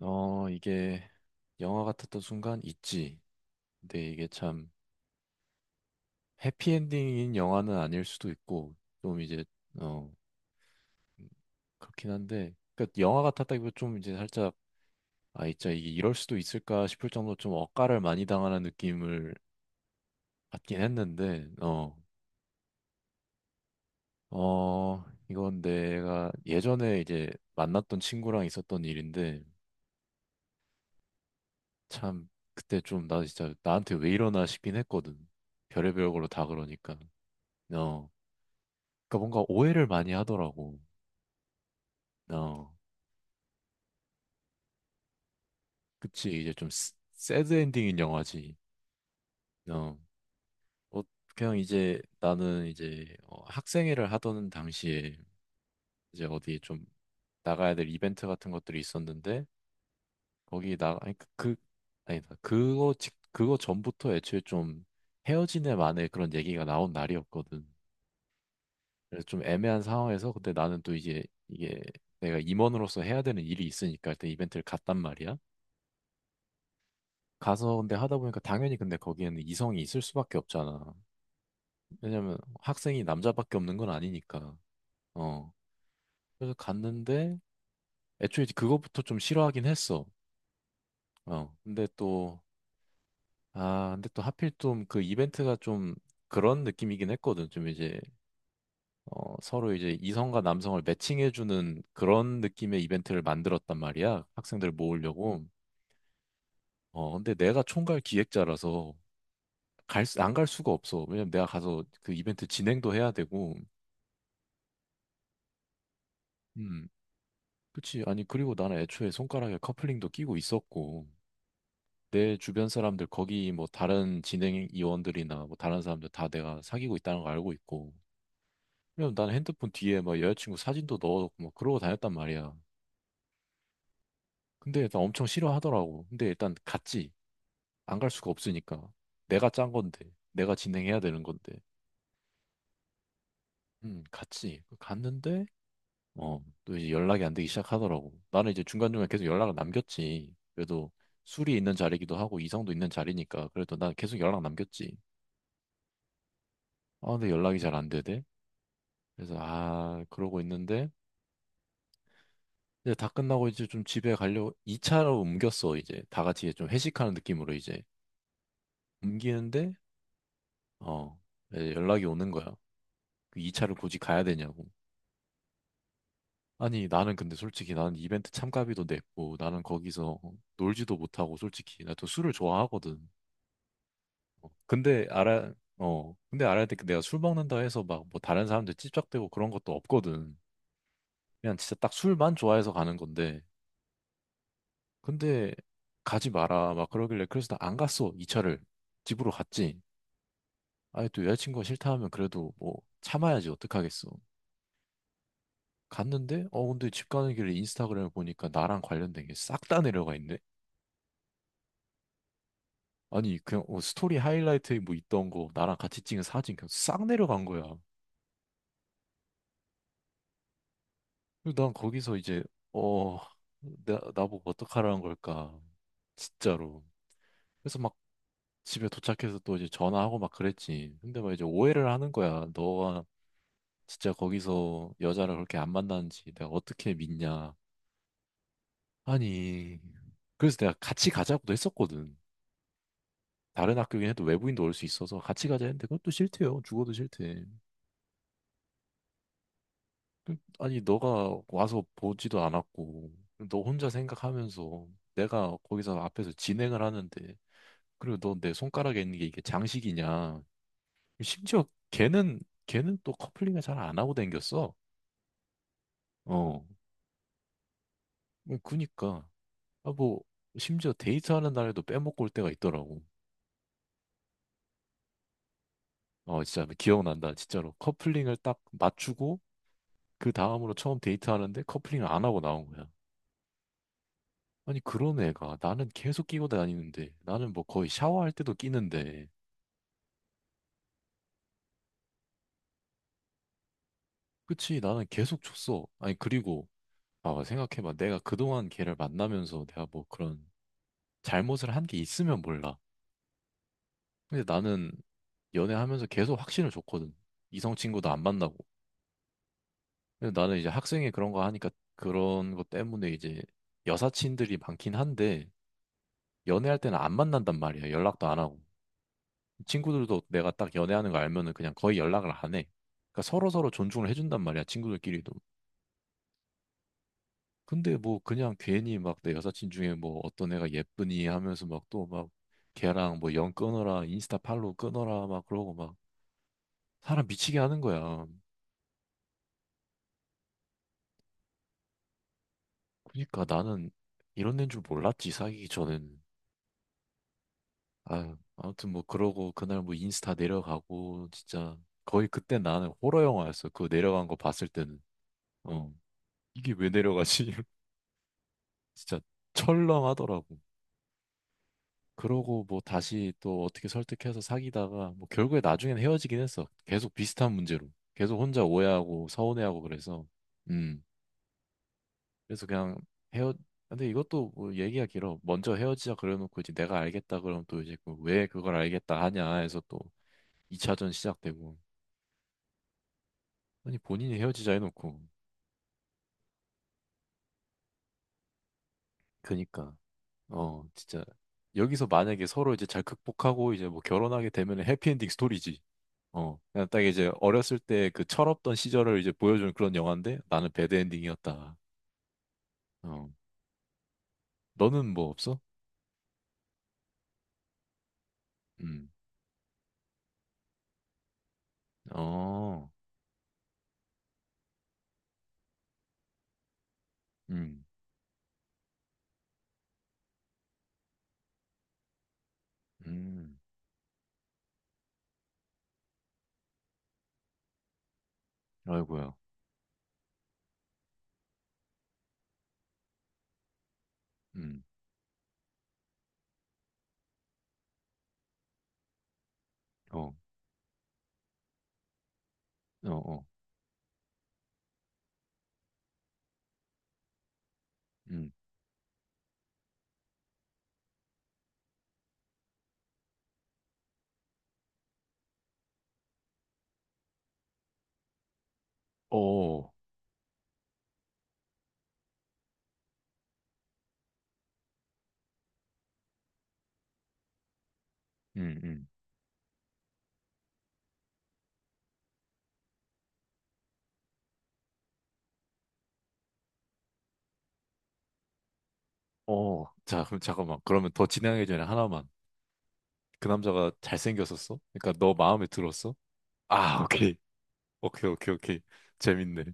이게 영화 같았던 순간 있지. 근데 이게 참 해피엔딩인 영화는 아닐 수도 있고, 좀 이제, 어, 그렇긴 한데, 그러니까 영화 같았다기보다 좀 이제 살짝, 아, 진짜 이게 이럴 수도 있을까 싶을 정도로 좀 억까를 많이 당하는 느낌을 받긴 했는데, 어, 이건 내가 예전에 이제 만났던 친구랑 있었던 일인데, 참, 그때 좀 나 진짜 나한테 왜 이러나 싶긴 했거든. 별의별 걸로 다 그러니까. 어. 그러니까 뭔가 오해를 많이 하더라고. 어, 그치. 이제 좀 새드 엔딩인 영화지. 어, 어, 그냥 이제 나는 이제 학생회를 하던 당시에 이제 어디 좀 나가야 될 이벤트 같은 것들이 있었는데 거기 나 아니 아니다 그거 전부터 애초에 좀 헤어진 애 만에 그런 얘기가 나온 날이었거든. 그래서 좀 애매한 상황에서 근데 나는 또 이제 이게 내가 임원으로서 해야 되는 일이 있으니까 일단 이벤트를 갔단 말이야. 가서 근데 하다 보니까 당연히 근데 거기에는 이성이 있을 수밖에 없잖아. 왜냐면 학생이 남자밖에 없는 건 아니니까. 어. 그래서 갔는데 애초에 이제 그것부터 좀 싫어하긴 했어. 어. 아, 근데 또 하필 좀 그 이벤트가 좀 그런 느낌이긴 했거든. 좀 이제, 서로 이제 이성과 남성을 매칭해주는 그런 느낌의 이벤트를 만들었단 말이야. 학생들 모으려고. 근데 내가 총괄 기획자라서 안 갈 수가 없어. 왜냐면 내가 가서 그 이벤트 진행도 해야 되고, 음, 그치. 아니, 그리고 나는 애초에 손가락에 커플링도 끼고 있었고, 내 주변 사람들, 거기 뭐 다른 진행위원들이나 뭐 다른 사람들 다 내가 사귀고 있다는 거 알고 있고, 그냥 난 핸드폰 뒤에 막 여자친구 사진도 넣어놓고 막 그러고 다녔단 말이야. 근데 일단 엄청 싫어하더라고. 근데 일단 갔지. 안 갈 수가 없으니까. 내가 짠 건데, 내가 진행해야 되는 건데. 갔지. 갔는데, 어, 또 이제 연락이 안 되기 시작하더라고. 나는 이제 중간중간 계속 연락을 남겼지. 그래도 술이 있는 자리기도 하고 이성도 있는 자리니까 그래도 난 계속 연락 남겼지. 아, 근데 연락이 잘 안 되대. 그래서 그러고 있는데 이제 다 끝나고 이제 좀 집에 가려고 2차로 옮겼어, 이제. 다 같이 이제 좀 회식하는 느낌으로 이제 옮기는데 어, 이제 연락이 오는 거야. 그 2차를 굳이 가야 되냐고. 아니, 나는 근데 솔직히 나는 이벤트 참가비도 냈고 나는 거기서 놀지도 못하고 솔직히 나 또 술을 좋아하거든. 어, 근데 알아, 근데 알아야 돼. 내가 술 먹는다 해서 막 뭐 다른 사람들 찝적대고 그런 것도 없거든. 그냥 진짜 딱 술만 좋아해서 가는 건데. 근데 가지 마라. 막 그러길래 그래서 나 안 갔어. 이 차를. 집으로 갔지. 아니 또 여자친구가 싫다 하면 그래도 뭐 참아야지 어떡하겠어. 갔는데 근데 집 가는 길에 인스타그램을 보니까 나랑 관련된 게 싹 다 내려가 있네. 아니 그냥 스토리 하이라이트에 뭐 있던 거 나랑 같이 찍은 사진 그냥 싹 내려간 거야. 그리고 난 거기서 이제 어 나보고 어떡하라는 걸까. 진짜로. 그래서 막 집에 도착해서 또 이제 전화하고 막 그랬지. 근데 막 이제 오해를 하는 거야. 너가 진짜 거기서 여자를 그렇게 안 만나는지 내가 어떻게 믿냐. 아니, 그래서 내가 같이 가자고도 했었거든. 다른 학교긴 해도 외부인도 올 수 있어서 같이 가자 했는데 그것도 싫대요. 죽어도 싫대. 아니, 너가 와서 보지도 않았고, 너 혼자 생각하면서 내가 거기서 앞에서 진행을 하는데, 그리고 너 내 손가락에 있는 게 이게 장식이냐. 심지어 걔는, 걔는 또 커플링을 잘 안 하고 댕겼어. 어. 그니까. 아, 뭐, 심지어 데이트하는 날에도 빼먹고 올 때가 있더라고. 진짜 기억난다. 진짜로. 커플링을 딱 맞추고, 그 다음으로 처음 데이트하는데 커플링을 안 하고 나온 거야. 아니, 그런 애가 나는 계속 끼고 다니는데 나는 뭐 거의 샤워할 때도 끼는데 그치, 나는 계속 줬어. 아니, 그리고 봐봐, 생각해봐. 내가 그동안 걔를 만나면서 내가 뭐 그런 잘못을 한 게 있으면 몰라. 근데 나는 연애하면서 계속 확신을 줬거든. 이성 친구도 안 만나고. 근데 나는 이제 학생회 그런 거 하니까 그런 것 때문에 이제 여사친들이 많긴 한데 연애할 때는 안 만난단 말이야. 연락도 안 하고. 친구들도 내가 딱 연애하는 거 알면은 그냥 거의 연락을 안 해. 그러니까 서로서로 존중을 해준단 말이야, 친구들끼리도. 근데 뭐 그냥 괜히 막 내 여사친 중에 뭐 어떤 애가 예쁘니 하면서 막 또 막 걔랑 뭐 연 끊어라, 인스타 팔로우 끊어라 막 그러고 막 사람 미치게 하는 거야. 그러니까 나는 이런 데인 줄 몰랐지, 사귀기 전엔. 아유, 아무튼 뭐 그러고 그날 뭐 인스타 내려가고 진짜 거의 그때 나는 호러 영화였어. 그 내려간 거 봤을 때는. 어. 이게 왜 내려가지? 진짜 철렁하더라고. 그러고 뭐 다시 또 어떻게 설득해서 사귀다가 뭐 결국에 나중엔 헤어지긴 했어. 계속 비슷한 문제로. 계속 혼자 오해하고 서운해하고 그래서. 음. 그래서 그냥 헤어 근데 이것도 뭐 얘기가 길어. 먼저 헤어지자 그래놓고 이제 내가 알겠다 그러면 또 이제 그왜 그걸 알겠다 하냐 해서 또 2차전 시작되고. 아니 본인이 헤어지자 해놓고. 그니까. 어, 진짜. 여기서 만약에 서로 이제 잘 극복하고 이제 뭐 결혼하게 되면 해피엔딩 스토리지. 그냥 딱 이제 어렸을 때 그 철없던 시절을 이제 보여주는 그런 영화인데 나는 배드 엔딩이었다. 어, 너는 뭐 없어? 음. 어. 음. 음. 아이고야. 음. 어. 어. 어. 음. 어. 음. 음. 어. 자, 그럼 잠깐만. 그러면 더 진행하기 전에 하나만. 그 남자가 잘생겼었어? 그러니까 너 마음에 들었어? 아, 오케이, 오케이, 오케이, 오케이. 재밌네.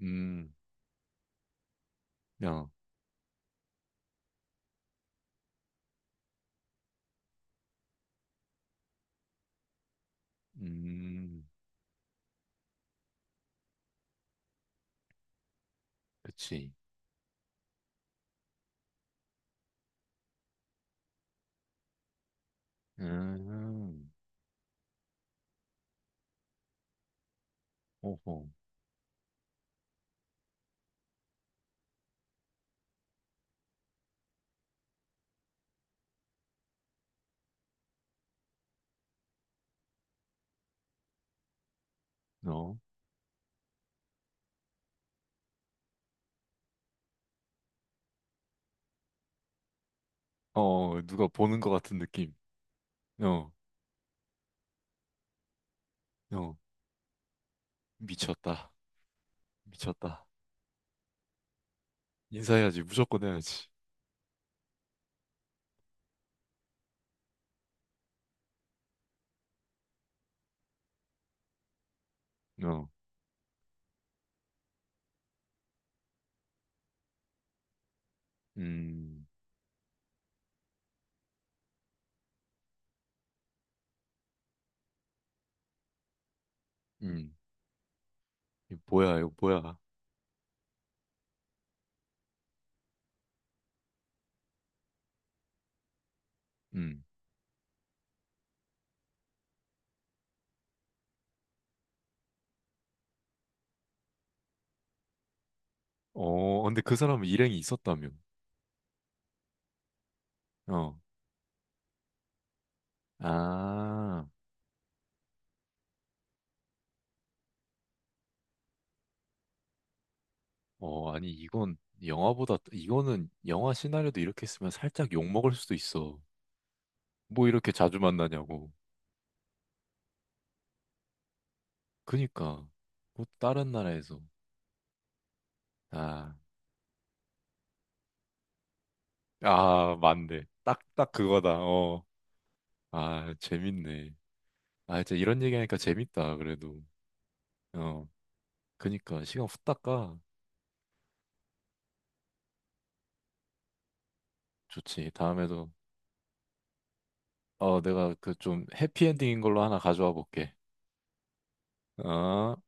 음. 야. 음. 그치. 음. 오호. 어. 어, 누가 보는 것 같은 느낌. 어. 어. 미쳤다. 미쳤다. 인사해야지. 무조건 해야지. 어. 음. 음. 이거 뭐야, 이거 뭐야. 음. 어. 근데 그 사람은 일행이 있었다며. 어. 아. 어. 아니, 이건 영화보다, 이거는 영화 시나리오도 이렇게 쓰으면 살짝 욕먹을 수도 있어. 뭐 이렇게 자주 만나냐고. 그니까, 뭐 다른 나라에서. 아, 아, 맞네. 딱, 딱 그거다. 어. 아, 재밌네. 아, 진짜 이런 얘기하니까 재밌다, 그래도. 어, 그니까, 시간 후딱 가. 좋지. 다음에도, 내가 그 좀 해피엔딩인 걸로 하나 가져와 볼게. 어.